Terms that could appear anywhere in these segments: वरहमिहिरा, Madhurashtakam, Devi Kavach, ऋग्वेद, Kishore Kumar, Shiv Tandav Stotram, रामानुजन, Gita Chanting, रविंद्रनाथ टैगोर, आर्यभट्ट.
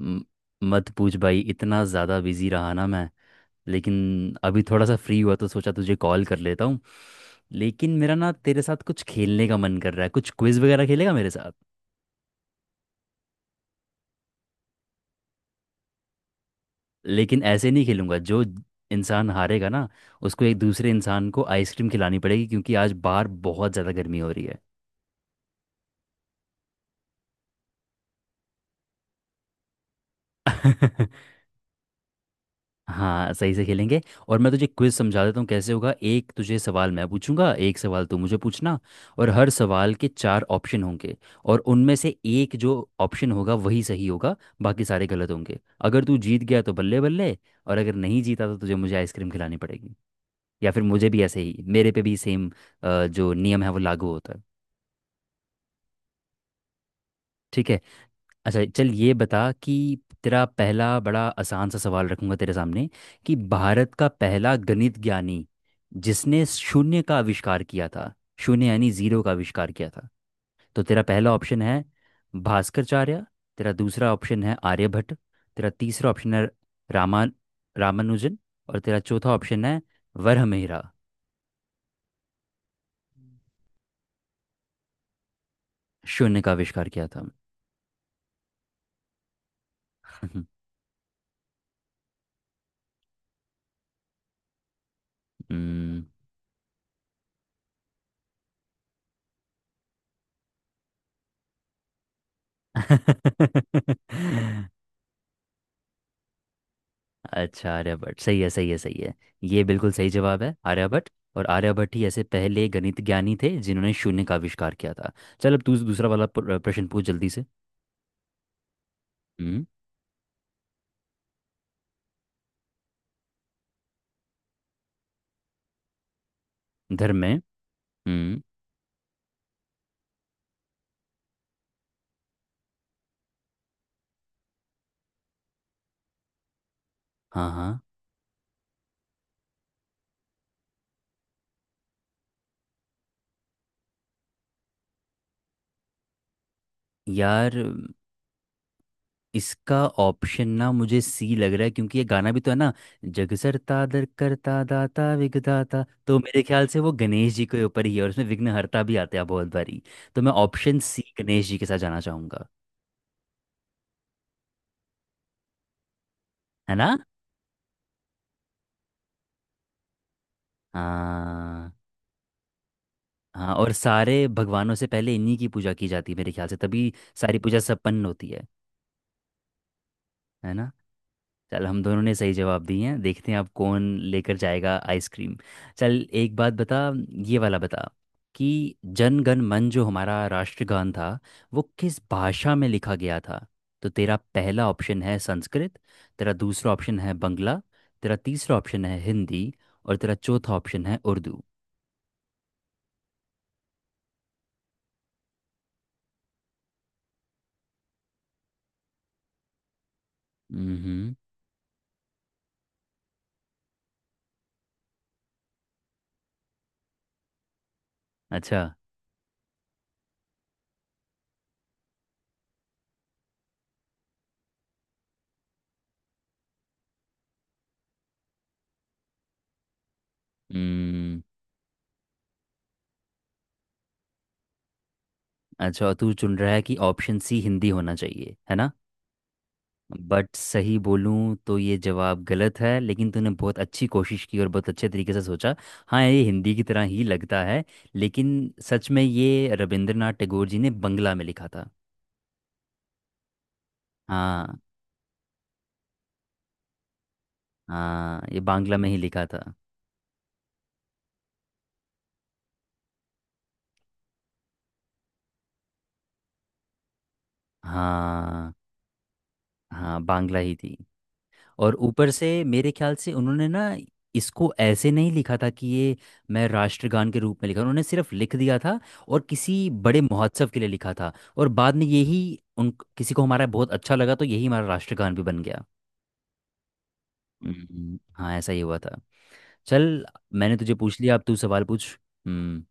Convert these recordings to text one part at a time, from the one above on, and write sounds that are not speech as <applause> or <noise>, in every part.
म- मत पूछ भाई इतना ज़्यादा बिजी रहा ना मैं। लेकिन अभी थोड़ा सा फ्री हुआ तो सोचा तुझे कॉल कर लेता हूँ। लेकिन मेरा ना तेरे साथ कुछ खेलने का मन कर रहा है, कुछ क्विज वगैरह खेलेगा मेरे साथ? लेकिन ऐसे नहीं खेलूंगा, जो इंसान हारेगा ना उसको एक दूसरे इंसान को आइसक्रीम खिलानी पड़ेगी, क्योंकि आज बाहर बहुत ज़्यादा गर्मी हो रही है। <laughs> हाँ, सही से खेलेंगे। और मैं तुझे क्विज समझा देता हूँ कैसे होगा। एक तुझे सवाल मैं पूछूंगा, एक सवाल तू मुझे पूछना। और हर सवाल के चार ऑप्शन होंगे, और उनमें से एक जो ऑप्शन होगा वही सही होगा, बाकी सारे गलत होंगे। अगर तू जीत गया तो बल्ले बल्ले, और अगर नहीं जीता तो तुझे मुझे आइसक्रीम खिलानी पड़ेगी। या फिर मुझे भी ऐसे ही, मेरे पे भी सेम जो नियम है वो लागू होता है। ठीक है। अच्छा, चल ये बता कि तेरा पहला बड़ा आसान सा सवाल रखूंगा तेरे सामने कि भारत का पहला गणित ज्ञानी जिसने शून्य का आविष्कार किया था, शून्य यानी जीरो का आविष्कार किया था। तो तेरा पहला ऑप्शन है भास्करचार्य, तेरा दूसरा ऑप्शन है आर्यभट्ट, तेरा तीसरा ऑप्शन है रामा रामानुजन, और तेरा चौथा ऑप्शन है वरहमिहिरा। शून्य का आविष्कार किया था। <laughs> हम्म। <laughs> अच्छा, आर्यभट्ट सही है, सही है, सही है। ये बिल्कुल सही जवाब है, आर्यभट्ट। और आर्यभट्ट ही ऐसे पहले गणित ज्ञानी थे जिन्होंने शून्य का आविष्कार किया था। चल अब तू दूसरा वाला प्रश्न पूछ जल्दी से। हम्म। धर्म में। हम्म। हाँ हाँ। यार इसका ऑप्शन ना मुझे सी लग रहा है, क्योंकि ये गाना भी तो है ना, जग सरता दर करता दाता विघदाता। तो मेरे ख्याल से वो गणेश जी के ऊपर ही है, और उसमें विघ्नहर्ता भी आते हैं बहुत बारी। तो मैं ऑप्शन सी गणेश जी के साथ जाना चाहूंगा। है ना। हाँ, हाँ और सारे भगवानों से पहले इन्हीं की पूजा की जाती है मेरे ख्याल से, तभी सारी पूजा संपन्न होती है। है ना। चल हम दोनों ने सही जवाब दिए हैं, देखते हैं अब कौन लेकर जाएगा आइसक्रीम। चल एक बात बता, ये वाला बता कि जन गण मन जो हमारा राष्ट्रगान था वो किस भाषा में लिखा गया था। तो तेरा पहला ऑप्शन है संस्कृत, तेरा दूसरा ऑप्शन है बंगला, तेरा तीसरा ऑप्शन है हिंदी, और तेरा चौथा ऑप्शन है उर्दू। हम्म। अच्छा। हम्म। अच्छा, और तू चुन रहा है कि ऑप्शन सी हिंदी होना चाहिए, है ना। बट सही बोलूं तो ये जवाब गलत है, लेकिन तूने बहुत अच्छी कोशिश की और बहुत अच्छे तरीके से सोचा। हाँ, ये हिंदी की तरह ही लगता है, लेकिन सच में ये रविंद्रनाथ टैगोर जी ने बंगला में लिखा था। हाँ, हाँ ये बांग्ला में ही लिखा था। हाँ, हाँ बांग्ला ही थी। और ऊपर से मेरे ख्याल से उन्होंने ना इसको ऐसे नहीं लिखा था कि ये मैं राष्ट्रगान के रूप में लिखा, उन्होंने सिर्फ लिख दिया था और किसी बड़े महोत्सव के लिए लिखा था। और बाद में यही उन किसी को हमारा बहुत अच्छा लगा तो यही हमारा राष्ट्रगान भी बन गया। हाँ, ऐसा ही हुआ था। चल मैंने तुझे पूछ लिया, अब तू सवाल पूछ। हम्म।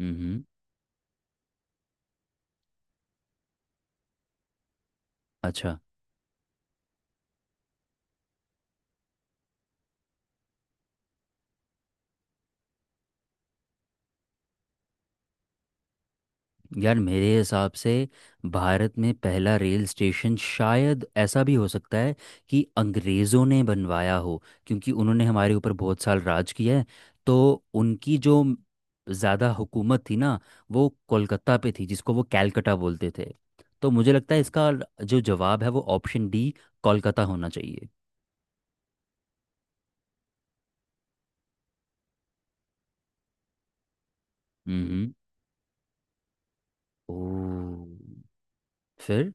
हम्म। अच्छा। यार मेरे हिसाब से भारत में पहला रेल स्टेशन शायद ऐसा भी हो सकता है कि अंग्रेज़ों ने बनवाया हो, क्योंकि उन्होंने हमारे ऊपर बहुत साल राज किया है। तो उनकी जो ज़्यादा हुकूमत थी ना वो कोलकाता पे थी, जिसको वो कैलकटा बोलते थे। तो मुझे लगता है इसका जो जवाब है वो ऑप्शन डी कोलकाता होना चाहिए। हम्म। ओ। फिर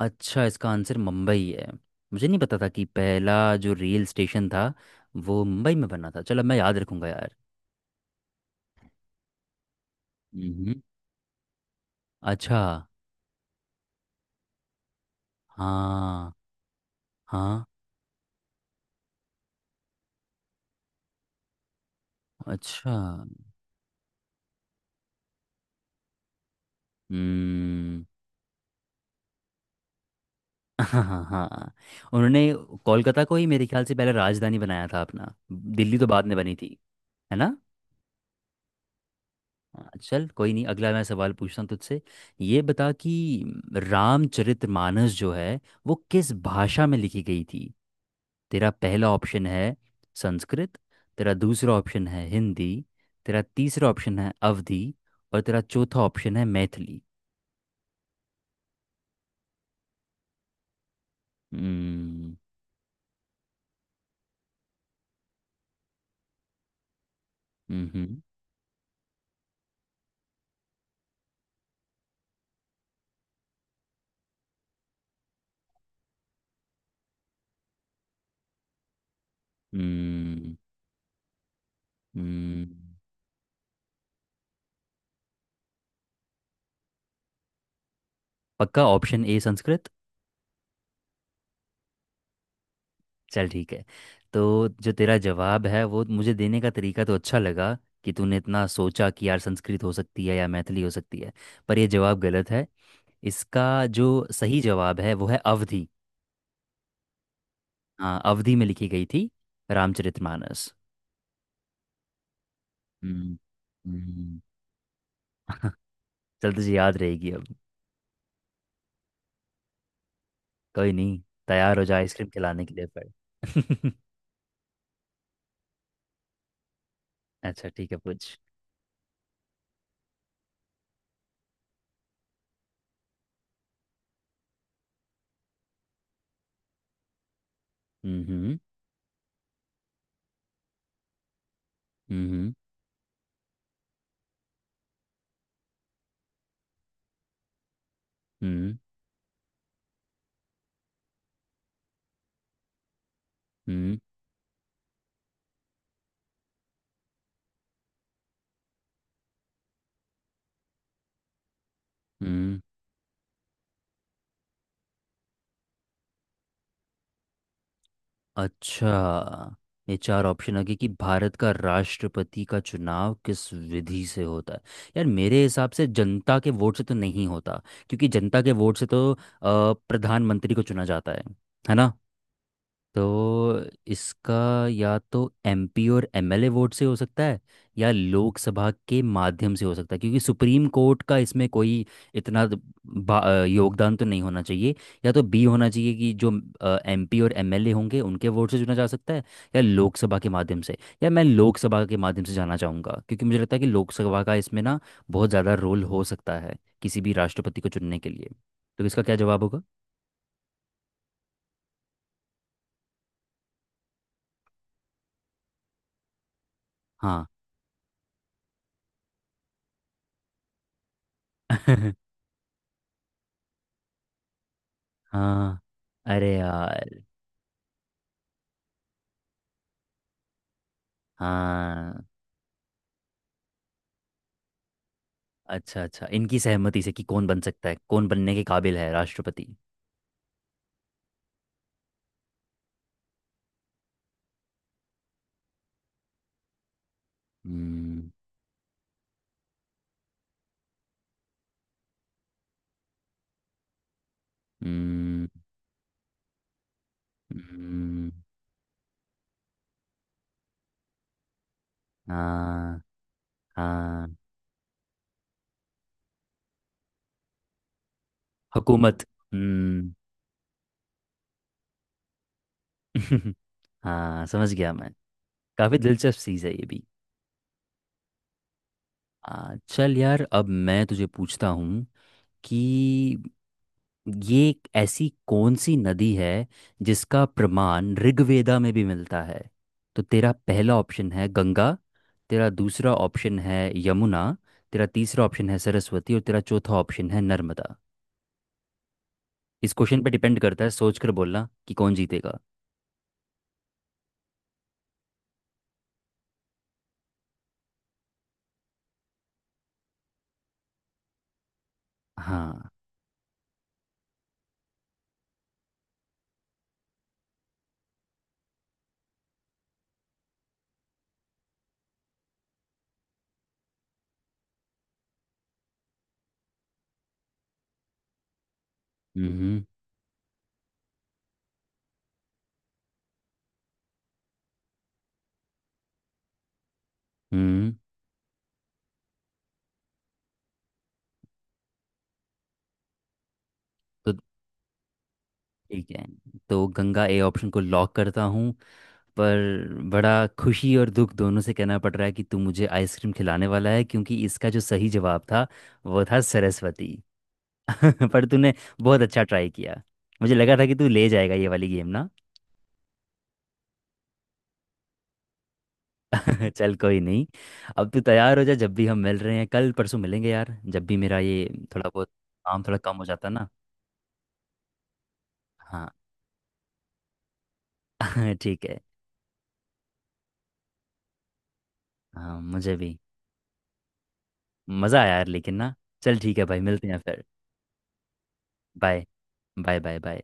अच्छा, इसका आंसर मुंबई है। मुझे नहीं पता था कि पहला जो रेल स्टेशन था वो मुंबई में बना था, चलो मैं याद रखूंगा यार। हम्म। अच्छा। हाँ। हाँ। अच्छा। हम्म। <laughs> हाँ, हाँ, हाँ उन्होंने कोलकाता को ही मेरे ख्याल से पहले राजधानी बनाया था अपना, दिल्ली तो बाद में बनी थी। है ना। हाँ, चल कोई नहीं, अगला मैं सवाल पूछता हूँ तुझसे। ये बता कि रामचरितमानस जो है वो किस भाषा में लिखी गई थी। तेरा पहला ऑप्शन है संस्कृत, तेरा दूसरा ऑप्शन है हिंदी, तेरा तीसरा ऑप्शन है अवधी, और तेरा चौथा ऑप्शन है मैथिली। हम्म। हम्म। हम्म। हम्म, पक्का ऑप्शन ए संस्कृत। चल ठीक है। तो जो तेरा जवाब है वो मुझे देने का तरीका तो अच्छा लगा, कि तूने इतना सोचा कि यार संस्कृत हो सकती है या मैथिली हो सकती है। पर ये जवाब गलत है। इसका जो सही जवाब है वो है अवधि। हाँ, अवधि में लिखी गई थी रामचरितमानस। हम्म। हम्म। <laughs> चल तुझे याद रहेगी अब। कोई नहीं, तैयार हो जा आइसक्रीम खिलाने के लिए पर। <laughs> अच्छा ठीक है पूछ। हम्म। हम्म। हम्म। हम्म। हम्म। हम्म। अच्छा। ये चार ऑप्शन आगे कि भारत का राष्ट्रपति का चुनाव किस विधि से होता है। यार मेरे हिसाब से जनता के वोट से तो नहीं होता, क्योंकि जनता के वोट से तो प्रधानमंत्री को चुना जाता है। है ना। तो इसका या तो एमपी और एमएलए वोट से हो सकता है, या लोकसभा के माध्यम से हो सकता है, क्योंकि सुप्रीम कोर्ट का इसमें कोई इतना योगदान तो नहीं होना चाहिए। या तो बी होना चाहिए कि जो एमपी और एमएलए होंगे उनके वोट से चुना जा सकता है, या लोकसभा के माध्यम से। या मैं लोकसभा के माध्यम से जाना चाहूँगा, क्योंकि मुझे लगता है कि लोकसभा का इसमें ना बहुत ज़्यादा रोल हो सकता है किसी भी राष्ट्रपति को चुनने के लिए। तो इसका क्या जवाब होगा? हाँ। <laughs> हाँ, अरे यार। हाँ। अच्छा, अच्छा, इनकी सहमति से कि कौन बन सकता है, कौन बनने के काबिल है राष्ट्रपति। हम्म। हम्म। हम्म। हाँ। हाँ। हुकूमत। हम्म। <laughs> हाँ, समझ गया मैं। काफ़ी दिलचस्प चीज़ है ये भी। चल यार अब मैं तुझे पूछता हूँ कि ये एक ऐसी कौन सी नदी है जिसका प्रमाण ऋग्वेदा में भी मिलता है। तो तेरा पहला ऑप्शन है गंगा, तेरा दूसरा ऑप्शन है यमुना, तेरा तीसरा ऑप्शन है सरस्वती, और तेरा चौथा ऑप्शन है नर्मदा। इस क्वेश्चन पे डिपेंड करता है, सोच कर बोलना कि कौन जीतेगा। हाँ। हम्म। हम्म। तो ठीक है, तो गंगा ए ऑप्शन को लॉक करता हूँ। पर बड़ा खुशी और दुख दोनों से कहना पड़ रहा है कि तू मुझे आइसक्रीम खिलाने वाला है, क्योंकि इसका जो सही जवाब था वो था सरस्वती। <laughs> पर तूने बहुत अच्छा ट्राई किया। मुझे लगा था कि तू ले जाएगा ये वाली गेम ना। <laughs> चल कोई नहीं। अब तू तैयार हो जा, जब भी हम मिल रहे हैं, कल परसों मिलेंगे यार जब भी मेरा ये थोड़ा बहुत काम थोड़ा कम हो जाता ना। हाँ। <laughs> ठीक है। हाँ। मुझे भी मज़ा आया यार लेकिन ना। चल ठीक है भाई, मिलते हैं फिर। बाय। Bye, bye, bye.